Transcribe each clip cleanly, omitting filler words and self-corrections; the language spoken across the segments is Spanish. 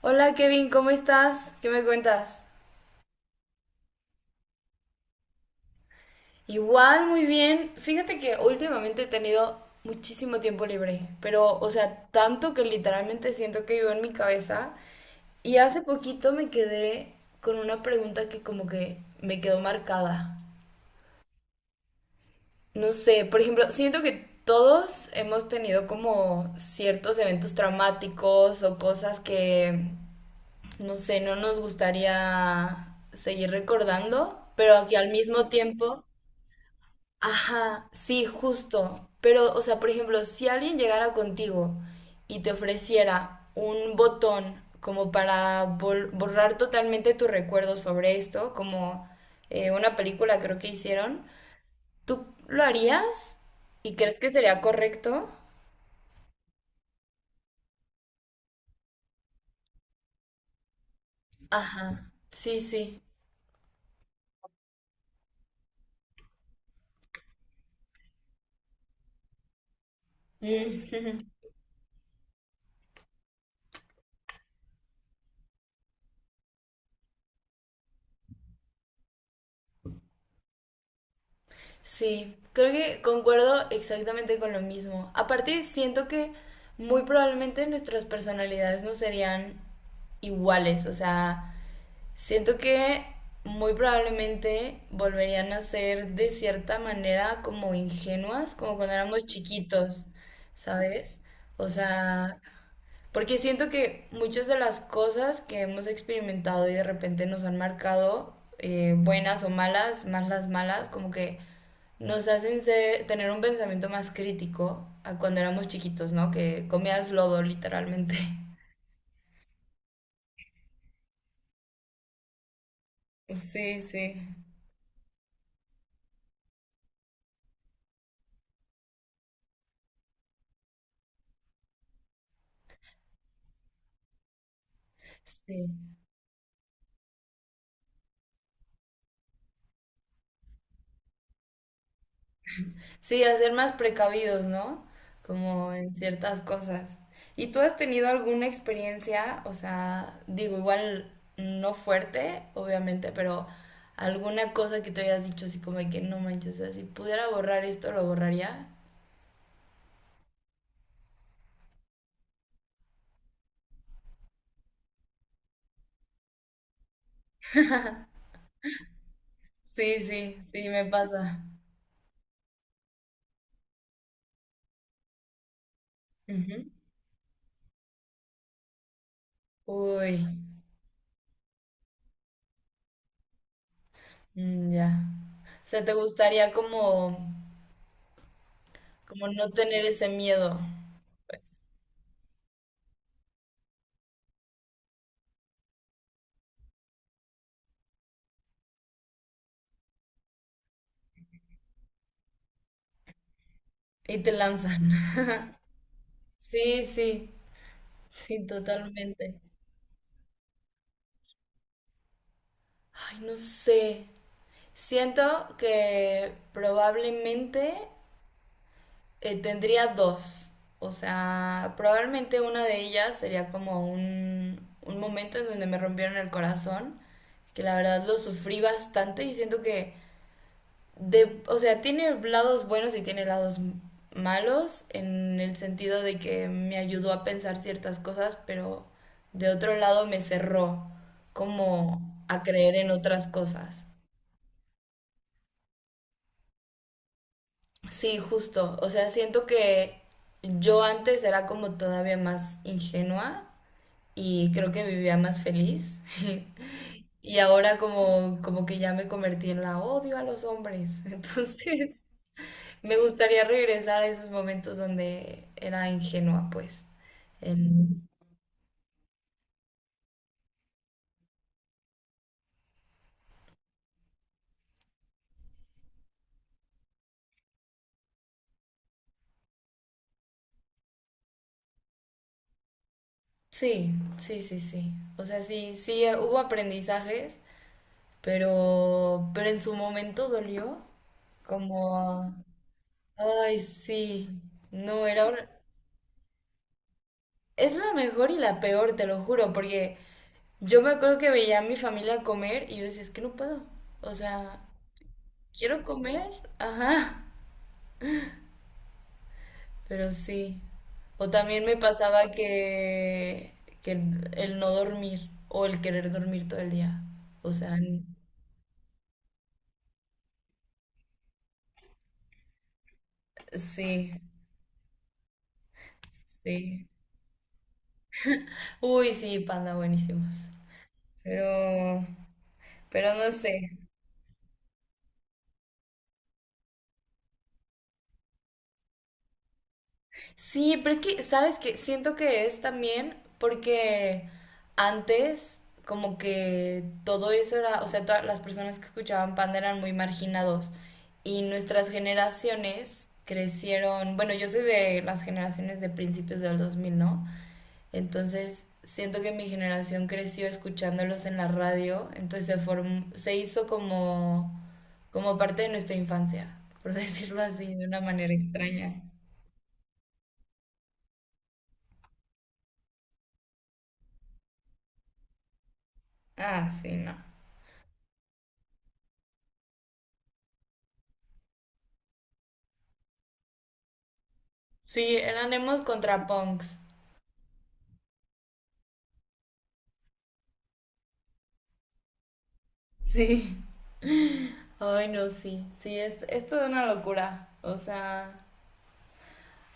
Hola Kevin, ¿cómo estás? ¿Qué me cuentas? Igual, muy bien. Fíjate que últimamente he tenido muchísimo tiempo libre, pero, o sea, tanto que literalmente siento que vivo en mi cabeza. Y hace poquito me quedé con una pregunta que como que me quedó marcada. No sé, por ejemplo, siento que todos hemos tenido como ciertos eventos traumáticos o cosas que, no sé, no nos gustaría seguir recordando, pero que al mismo tiempo... Ajá, sí, justo. Pero, o sea, por ejemplo, si alguien llegara contigo y te ofreciera un botón como para borrar totalmente tu recuerdo sobre esto, como una película creo que hicieron, ¿tú lo harías? ¿Y crees que sería correcto? Ajá, sí, sí. Mm. Sí, creo que concuerdo exactamente con lo mismo. Aparte, siento que muy probablemente nuestras personalidades no serían iguales, o sea, siento que muy probablemente volverían a ser de cierta manera como ingenuas, como cuando éramos chiquitos, ¿sabes? O sea, porque siento que muchas de las cosas que hemos experimentado y de repente nos han marcado, buenas o malas, más las malas, como que nos hacen tener un pensamiento más crítico a cuando éramos chiquitos, ¿no? Que comías lodo, literalmente. Sí, sí. Sí. Sí, a ser más precavidos, ¿no? Como en ciertas cosas. ¿Y tú has tenido alguna experiencia, o sea, digo, igual no fuerte, obviamente, pero alguna cosa que te hayas dicho así como de que no manches, o sea, si pudiera borrar esto, lo borraría? Sí, sí, sí, me pasa. Ujú. Uy, mm, ya. O sea, te gustaría como, como no tener ese miedo, pues, y te lanzan. Sí, sí, sí, totalmente. Ay, no sé. Siento que probablemente tendría dos. O sea, probablemente una de ellas sería como un momento en donde me rompieron el corazón, que la verdad lo sufrí bastante y siento que, de, o sea, tiene lados buenos y tiene lados malos en el sentido de que me ayudó a pensar ciertas cosas, pero de otro lado me cerró como a creer en otras cosas. Sí, justo. O sea, siento que yo antes era como todavía más ingenua y creo que vivía más feliz. Y ahora como, como que ya me convertí en la odio a los hombres. Entonces, me gustaría regresar a esos momentos donde era ingenua, pues. En- Sí, sí, sí, sí. O sea, sí, sí, hubo aprendizajes, pero en su momento dolió. Como, ay, sí. No, era una... Es la mejor y la peor, te lo juro, porque yo me acuerdo que veía a mi familia comer y yo decía, es que no puedo. O sea, quiero comer, ajá, pero sí. O también me pasaba que el no dormir o el querer dormir todo el día. O sea, sí, sí. Uy, sí, panda, buenísimos. Pero, pero no sé. Sí, pero es que, ¿sabes qué? Siento que es también porque antes como que todo eso era, o sea, todas las personas que escuchaban Panda eran muy marginados y nuestras generaciones crecieron, bueno, yo soy de las generaciones de principios del 2000, ¿no? Entonces, siento que mi generación creció escuchándolos en la radio, entonces se hizo como parte de nuestra infancia, por decirlo así, de una manera extraña. Ah, sí, no. Sí, eran emos contra punks. Sí. Ay, no, sí. Sí, es toda una locura. O sea,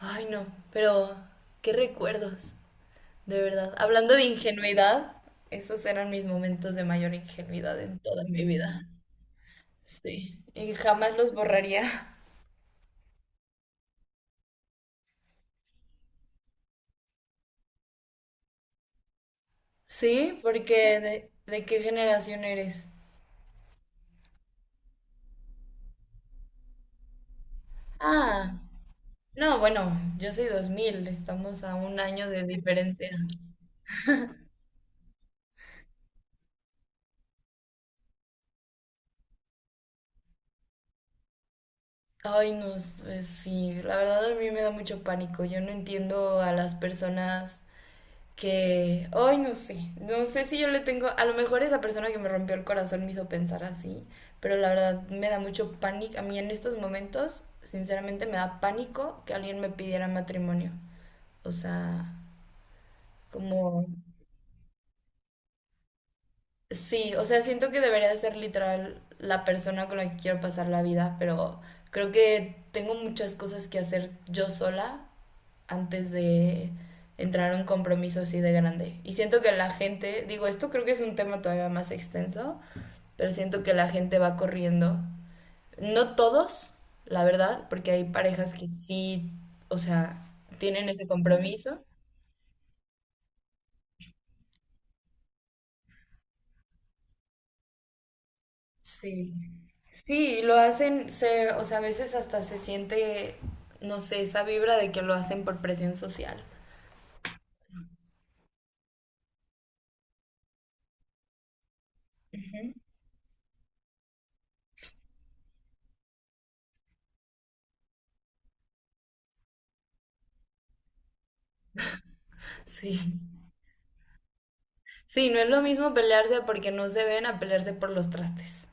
ay, no. Pero, qué recuerdos. De verdad. Hablando de ingenuidad, esos eran mis momentos de mayor ingenuidad en toda mi vida. Sí. Y jamás los borraría. Sí, porque de qué generación eres? Ah, no, bueno, yo soy 2000. Estamos a un año de diferencia. Ay, no, sí, la verdad a mí me da mucho pánico. Yo no entiendo a las personas que, ay, no sé, no sé si yo le tengo, a lo mejor esa persona que me rompió el corazón me hizo pensar así, pero la verdad me da mucho pánico. A mí en estos momentos, sinceramente, me da pánico que alguien me pidiera matrimonio. O sea, como, sí, o sea, siento que debería de ser literal la persona con la que quiero pasar la vida, pero creo que tengo muchas cosas que hacer yo sola antes de entrar a un compromiso así de grande. Y siento que la gente, digo, esto creo que es un tema todavía más extenso, pero siento que la gente va corriendo. No todos, la verdad, porque hay parejas que sí, o sea, tienen ese compromiso. Sí. Sí, y lo hacen, o sea, a veces hasta se siente, no sé, esa vibra de que lo hacen por presión social. Ujú. Sí. Sí, no es lo mismo pelearse porque no se ven a pelearse por los trastes,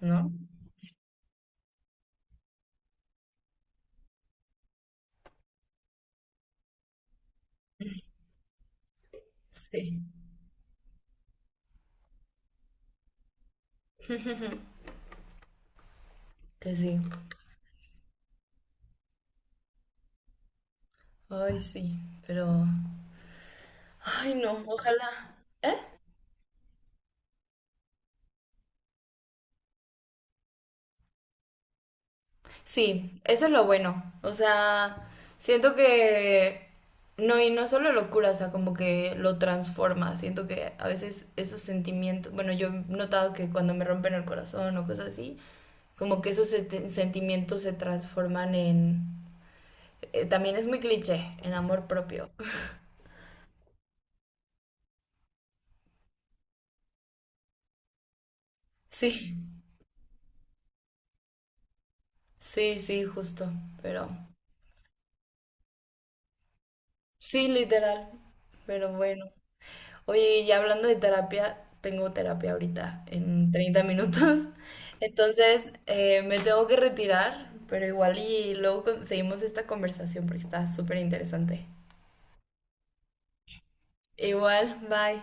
¿no? Sí, que sí. Ay, sí, pero... Ay, no, ojalá. ¿Eh? Sí, eso es lo bueno. O sea, siento que... No, y no solo lo cura, o sea, como que lo transforma. Siento que a veces esos sentimientos, bueno, yo he notado que cuando me rompen el corazón o cosas así, como que esos sentimientos se transforman en... también es muy cliché, en amor propio. Sí, sí, sí, justo, pero... Sí, literal, pero bueno. Oye, y hablando de terapia, tengo terapia ahorita en 30 minutos. Entonces, me tengo que retirar, pero igual y luego seguimos esta conversación porque está súper interesante. Igual, bye.